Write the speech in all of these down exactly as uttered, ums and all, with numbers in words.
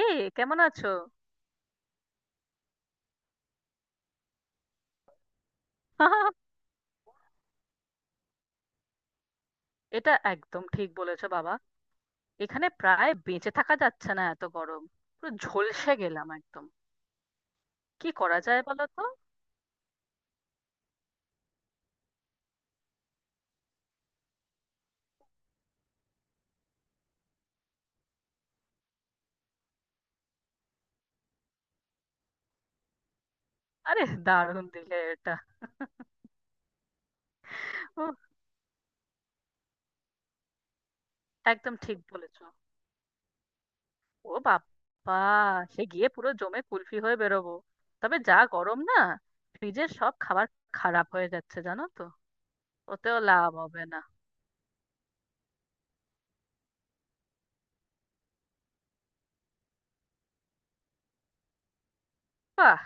এই, কেমন আছো? এটা একদম ঠিক বলেছো বাবা। এখানে প্রায় বেঁচে থাকা যাচ্ছে না, এত গরম। পুরো ঝলসে গেলাম একদম। কি করা যায় বলো তো? আরে দারুণ দিলে এটা। উহ, একদম ঠিক বলেছো। ও বাবা, সে গিয়ে পুরো জমে কুলফি হয়ে বেরোবো। তবে যা গরম না, ফ্রিজের সব খাবার খারাপ হয়ে যাচ্ছে জানো তো, ওতেও লাভ হবে না। বাহ,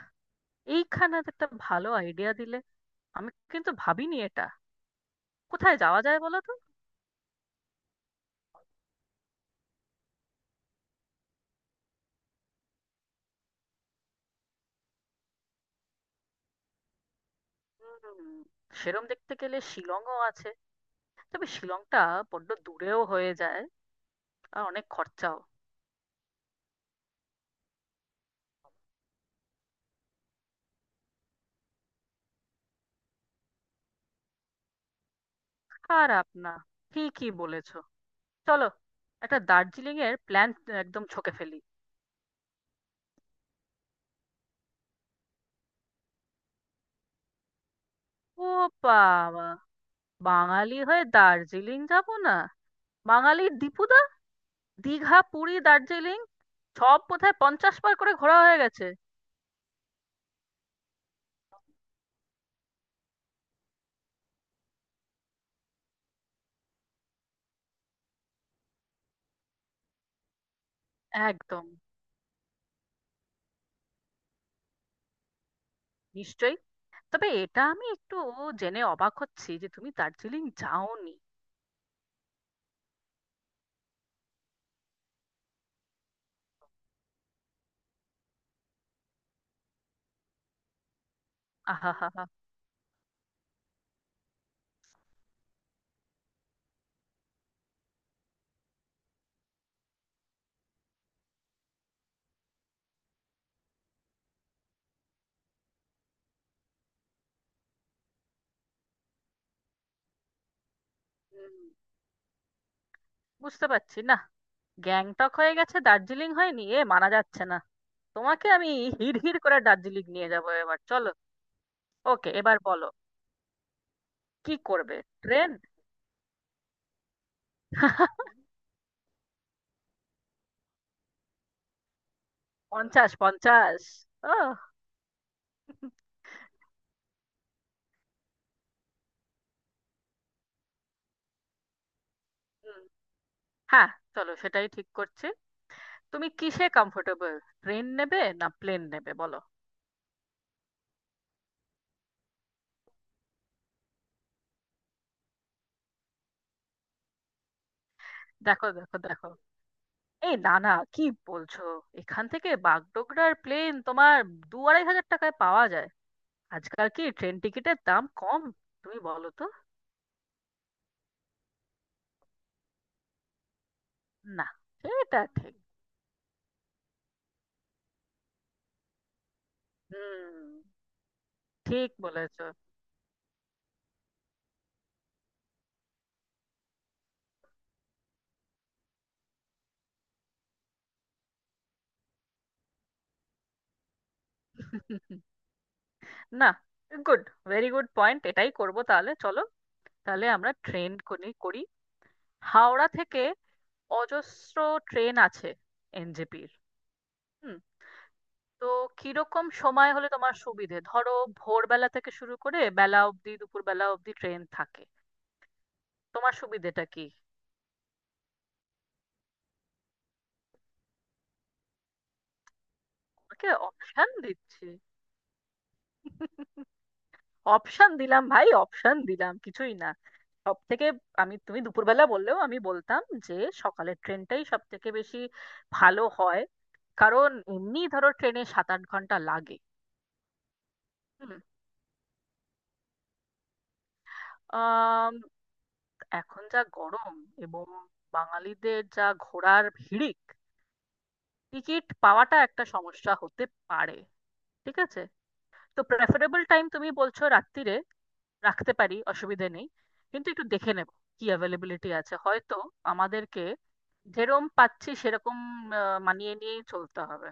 এইখানে তো একটা ভালো আইডিয়া দিলে। আমি কিন্তু ভাবিনি এটা। কোথায় যাওয়া যায় বলো তো? হুম, সেরম দেখতে গেলে শিলংও আছে। তবে শিলংটা বড্ড দূরেও হয়ে যায়, আর অনেক খরচাও। খারাপ না, ঠিকই বলেছো। চলো, একটা দার্জিলিং এর প্ল্যান একদম ছকে ফেলি। ও বাবা, বাঙালি হয়ে দার্জিলিং যাব না? বাঙালি দীপুদা, দীঘা পুরী দার্জিলিং, সব বোধহয় পঞ্চাশ বার করে ঘোরা হয়ে গেছে। একদম, নিশ্চয়ই। তবে এটা আমি একটু জেনে অবাক হচ্ছি যে তুমি দার্জিলিং যাওনি। আহা হা হা, বুঝতে পারছি না। গ্যাংটক হয়ে গেছে দার্জিলিং হয়নি, এ মানা যাচ্ছে না। তোমাকে আমি হিড়হিড় করে দার্জিলিং নিয়ে যাবো, এবার চলো। ওকে, এবার বলো কি করবে। ট্রেন? পঞ্চাশ পঞ্চাশ। ও, হুম, হ্যাঁ চলো, সেটাই ঠিক করছি। তুমি কিসে কমফোর্টেবল? ট্রেন নেবে না প্লেন নেবে বলো। দেখো দেখো দেখো, এই না না কি বলছো? এখান থেকে বাগডোগরার প্লেন তোমার দু আড়াই হাজার টাকায় পাওয়া যায়। আজকাল কি ট্রেন টিকিটের দাম কম? তুমি বলো তো। না, সেটা ঠিক। হুম, ঠিক বলেছো। না, গুড। ভেরি গুড পয়েন্ট, এটাই করব তাহলে। চলো তাহলে আমরা ট্রেন করি করি। হাওড়া থেকে অজস্র ট্রেন আছে এনজেপির। হুম, তো কিরকম সময় হলে তোমার সুবিধে? ধরো ভোরবেলা থেকে শুরু করে বেলা অবধি, দুপুর বেলা অবধি ট্রেন থাকে। তোমার সুবিধেটা কি? তোমাকে অপশন দিচ্ছি, অপশন দিলাম ভাই, অপশন দিলাম কিছুই না। সব থেকে, আমি, তুমি দুপুরবেলা বললেও আমি বলতাম যে সকালের ট্রেনটাই সব থেকে বেশি ভালো হয়। কারণ এমনি ধরো ট্রেনে সাত আট ঘন্টা লাগে। হুম, আম, এখন যা গরম, এবং বাঙালিদের যা ঘোরার হিড়িক, টিকিট পাওয়াটা একটা সমস্যা হতে পারে। ঠিক আছে, তো প্রেফারেবল টাইম তুমি বলছো রাত্তিরে, রাখতে পারি অসুবিধে নেই। কিন্তু একটু দেখে নেব কি অ্যাভেলেবিলিটি আছে, হয়তো আমাদেরকে যেরকম পাচ্ছি সেরকম আহ, মানিয়ে নিয়েই চলতে হবে।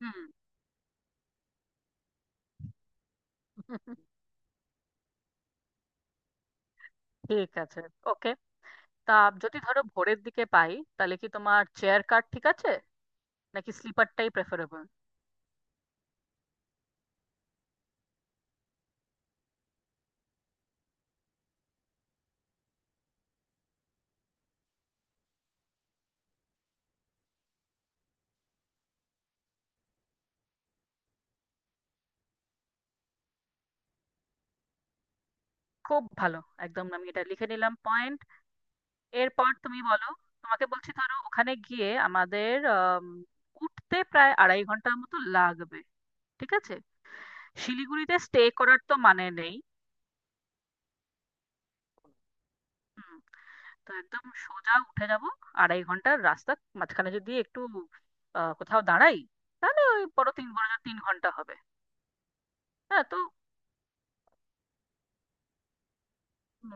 হুম। হুম। ঠিক আছে, ওকে। তা, যদি ধরো ভোরের দিকে পাই, তাহলে কি তোমার চেয়ার কার ঠিক আছে নাকি স্লিপারটাই প্রেফারেবল? খুব ভালো, একদম আমি এটা লিখে নিলাম পয়েন্ট। এরপর তুমি বলো। তোমাকে বলছি ধরো ওখানে গিয়ে আমাদের আম, উঠতে প্রায় আড়াই ঘন্টার মতো লাগবে। ঠিক আছে, শিলিগুড়িতে স্টে করার তো মানে নেই। হুম, তো একদম সোজা উঠে যাব। আড়াই ঘন্টার রাস্তা, মাঝখানে যদি একটু আহ, কোথাও দাঁড়াই, তাহলে ওই বড় তিন, বড় জোর তিন ঘন্টা হবে। হ্যাঁ তো, হুম।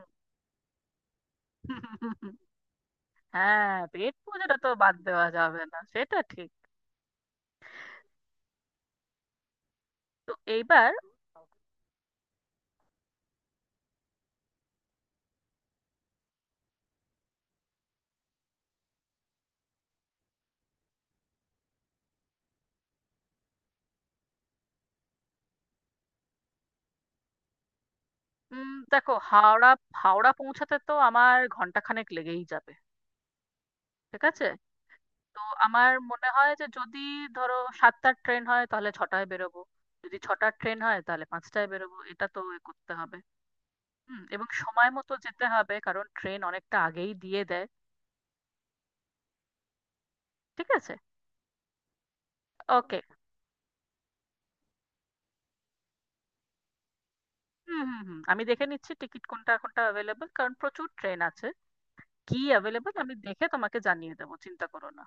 হ্যাঁ পেট পূজাটা তো বাদ দেওয়া যাবে না, সেটা ঠিক। তো এইবার, উম দেখো, হাওড়া, হাওড়া পৌঁছাতে তো আমার ঘন্টাখানেক লেগেই যাবে। ঠিক আছে, তো আমার মনে হয় যে যদি ধরো সাতটার ট্রেন হয় তাহলে ছটায় বেরোবো, যদি ছটার ট্রেন হয় তাহলে পাঁচটায় বেরোবো, এটা তো এ করতে হবে। হুম, এবং সময় মতো যেতে হবে, কারণ ট্রেন অনেকটা আগেই দিয়ে দেয়। ঠিক আছে, ওকে। হুম হুম হুম, আমি দেখে নিচ্ছি টিকিট কোনটা কোনটা অ্যাভেলেবল, কারণ প্রচুর ট্রেন আছে। কি অ্যাভেলেবল আমি দেখে তোমাকে জানিয়ে দেবো, চিন্তা করো না।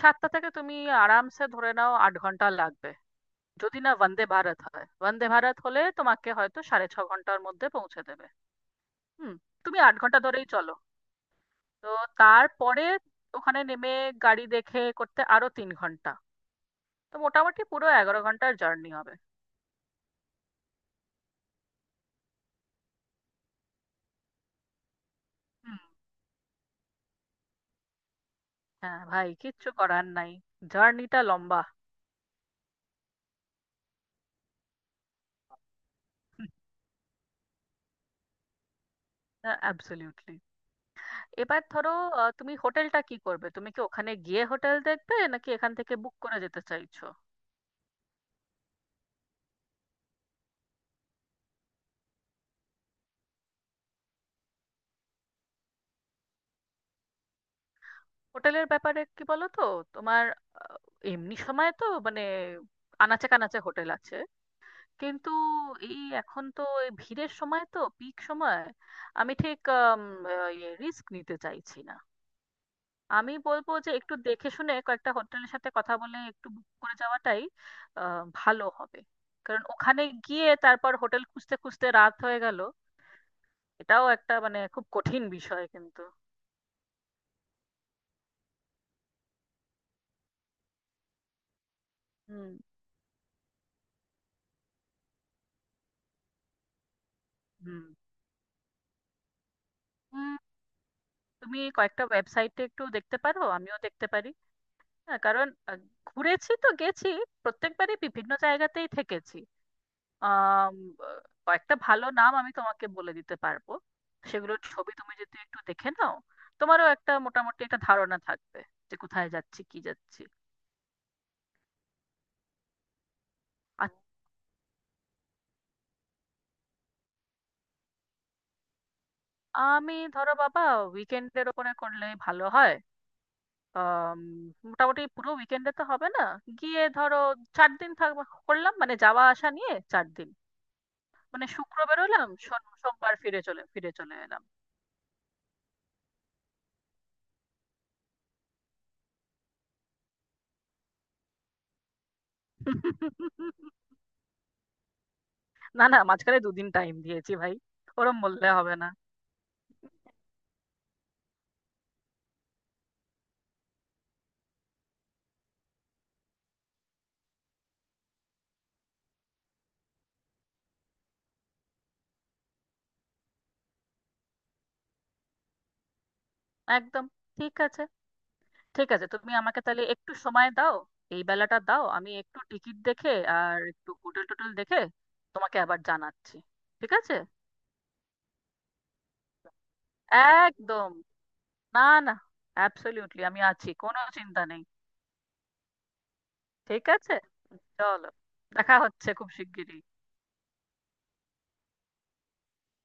সাতটা থেকে তুমি আরামসে ধরে নাও আট ঘন্টা লাগবে, যদি না বন্দে ভারত হয়। বন্দে ভারত হলে তোমাকে হয়তো সাড়ে ছ ঘন্টার মধ্যে পৌঁছে দেবে। হুম, তুমি আট ঘন্টা ধরেই চলো। তো তারপরে ওখানে নেমে গাড়ি দেখে করতে আরো তিন ঘন্টা, তো মোটামুটি পুরো এগারো ঘন্টার জার্নি হবে। হুম, হ্যাঁ ভাই কিচ্ছু করার নাই, জার্নিটা লম্বা। অ্যাবসলিউটলি। এবার ধরো, আহ, তুমি হোটেলটা কি করবে? তুমি কি ওখানে গিয়ে হোটেল দেখবে, নাকি এখান থেকে বুক করে যেতে চাইছো? হোটেলের ব্যাপারে কি বলো তো তোমার, আহ, এমনি সময় তো মানে আনাচে কানাচে হোটেল আছে, কিন্তু এই এখন তো এই ভিড়ের সময় তো পিক সময়। আমি ঠিক রিস্ক নিতে চাইছি না। আমি বলবো যে একটু দেখে শুনে কয়েকটা হোটেলের সাথে কথা বলে একটু বুক করে যাওয়াটাই আহ, ভালো হবে। কারণ ওখানে গিয়ে তারপর হোটেল খুঁজতে খুঁজতে রাত হয়ে গেল, এটাও একটা মানে খুব কঠিন বিষয় কিন্তু। হুম, হুম, হুম, তুমি কয়েকটা ওয়েবসাইটে একটু দেখতে পারো, আমিও দেখতে পারি। হ্যাঁ কারণ আহ, ঘুরেছি তো, গেছি প্রত্যেকবারই বিভিন্ন জায়গাতেই থেকেছি। আম, কয়েকটা ভালো নাম আমি তোমাকে বলে দিতে পারবো, সেগুলোর ছবি তুমি যদি একটু দেখে নাও, তোমারও একটা মোটামুটি একটা ধারণা থাকবে যে কোথায় যাচ্ছি কি যাচ্ছি। আর, আমি ধরো বাবা উইকেন্ডের ওপরে করলে ভালো হয়। আম, মোটামুটি পুরো উইকেন্ডে তো হবে না। গিয়ে ধরো চার দিন থাকবো, করলাম মানে যাওয়া আসা নিয়ে চার দিন। মানে শুক্র বেরোলাম, শোন- সোমবার ফিরে চলে ফিরে চলে এলাম। না না মাঝখানে দুদিন টাইম দিয়েছি ভাই, ওরম বললে হবে না। একদম। ঠিক আছে, ঠিক আছে, তুমি আমাকে তাহলে একটু সময় দাও। এই বেলাটা দাও, আমি একটু টিকিট দেখে আর একটু হোটেল টোটেল দেখে তোমাকে আবার জানাচ্ছি। ঠিক আছে। একদম, না, না, অ্যাবসলিউটলি, আমি আছি, কোনো চিন্তা নেই। ঠিক আছে চলো। দেখা হচ্ছে খুব শিগগিরই।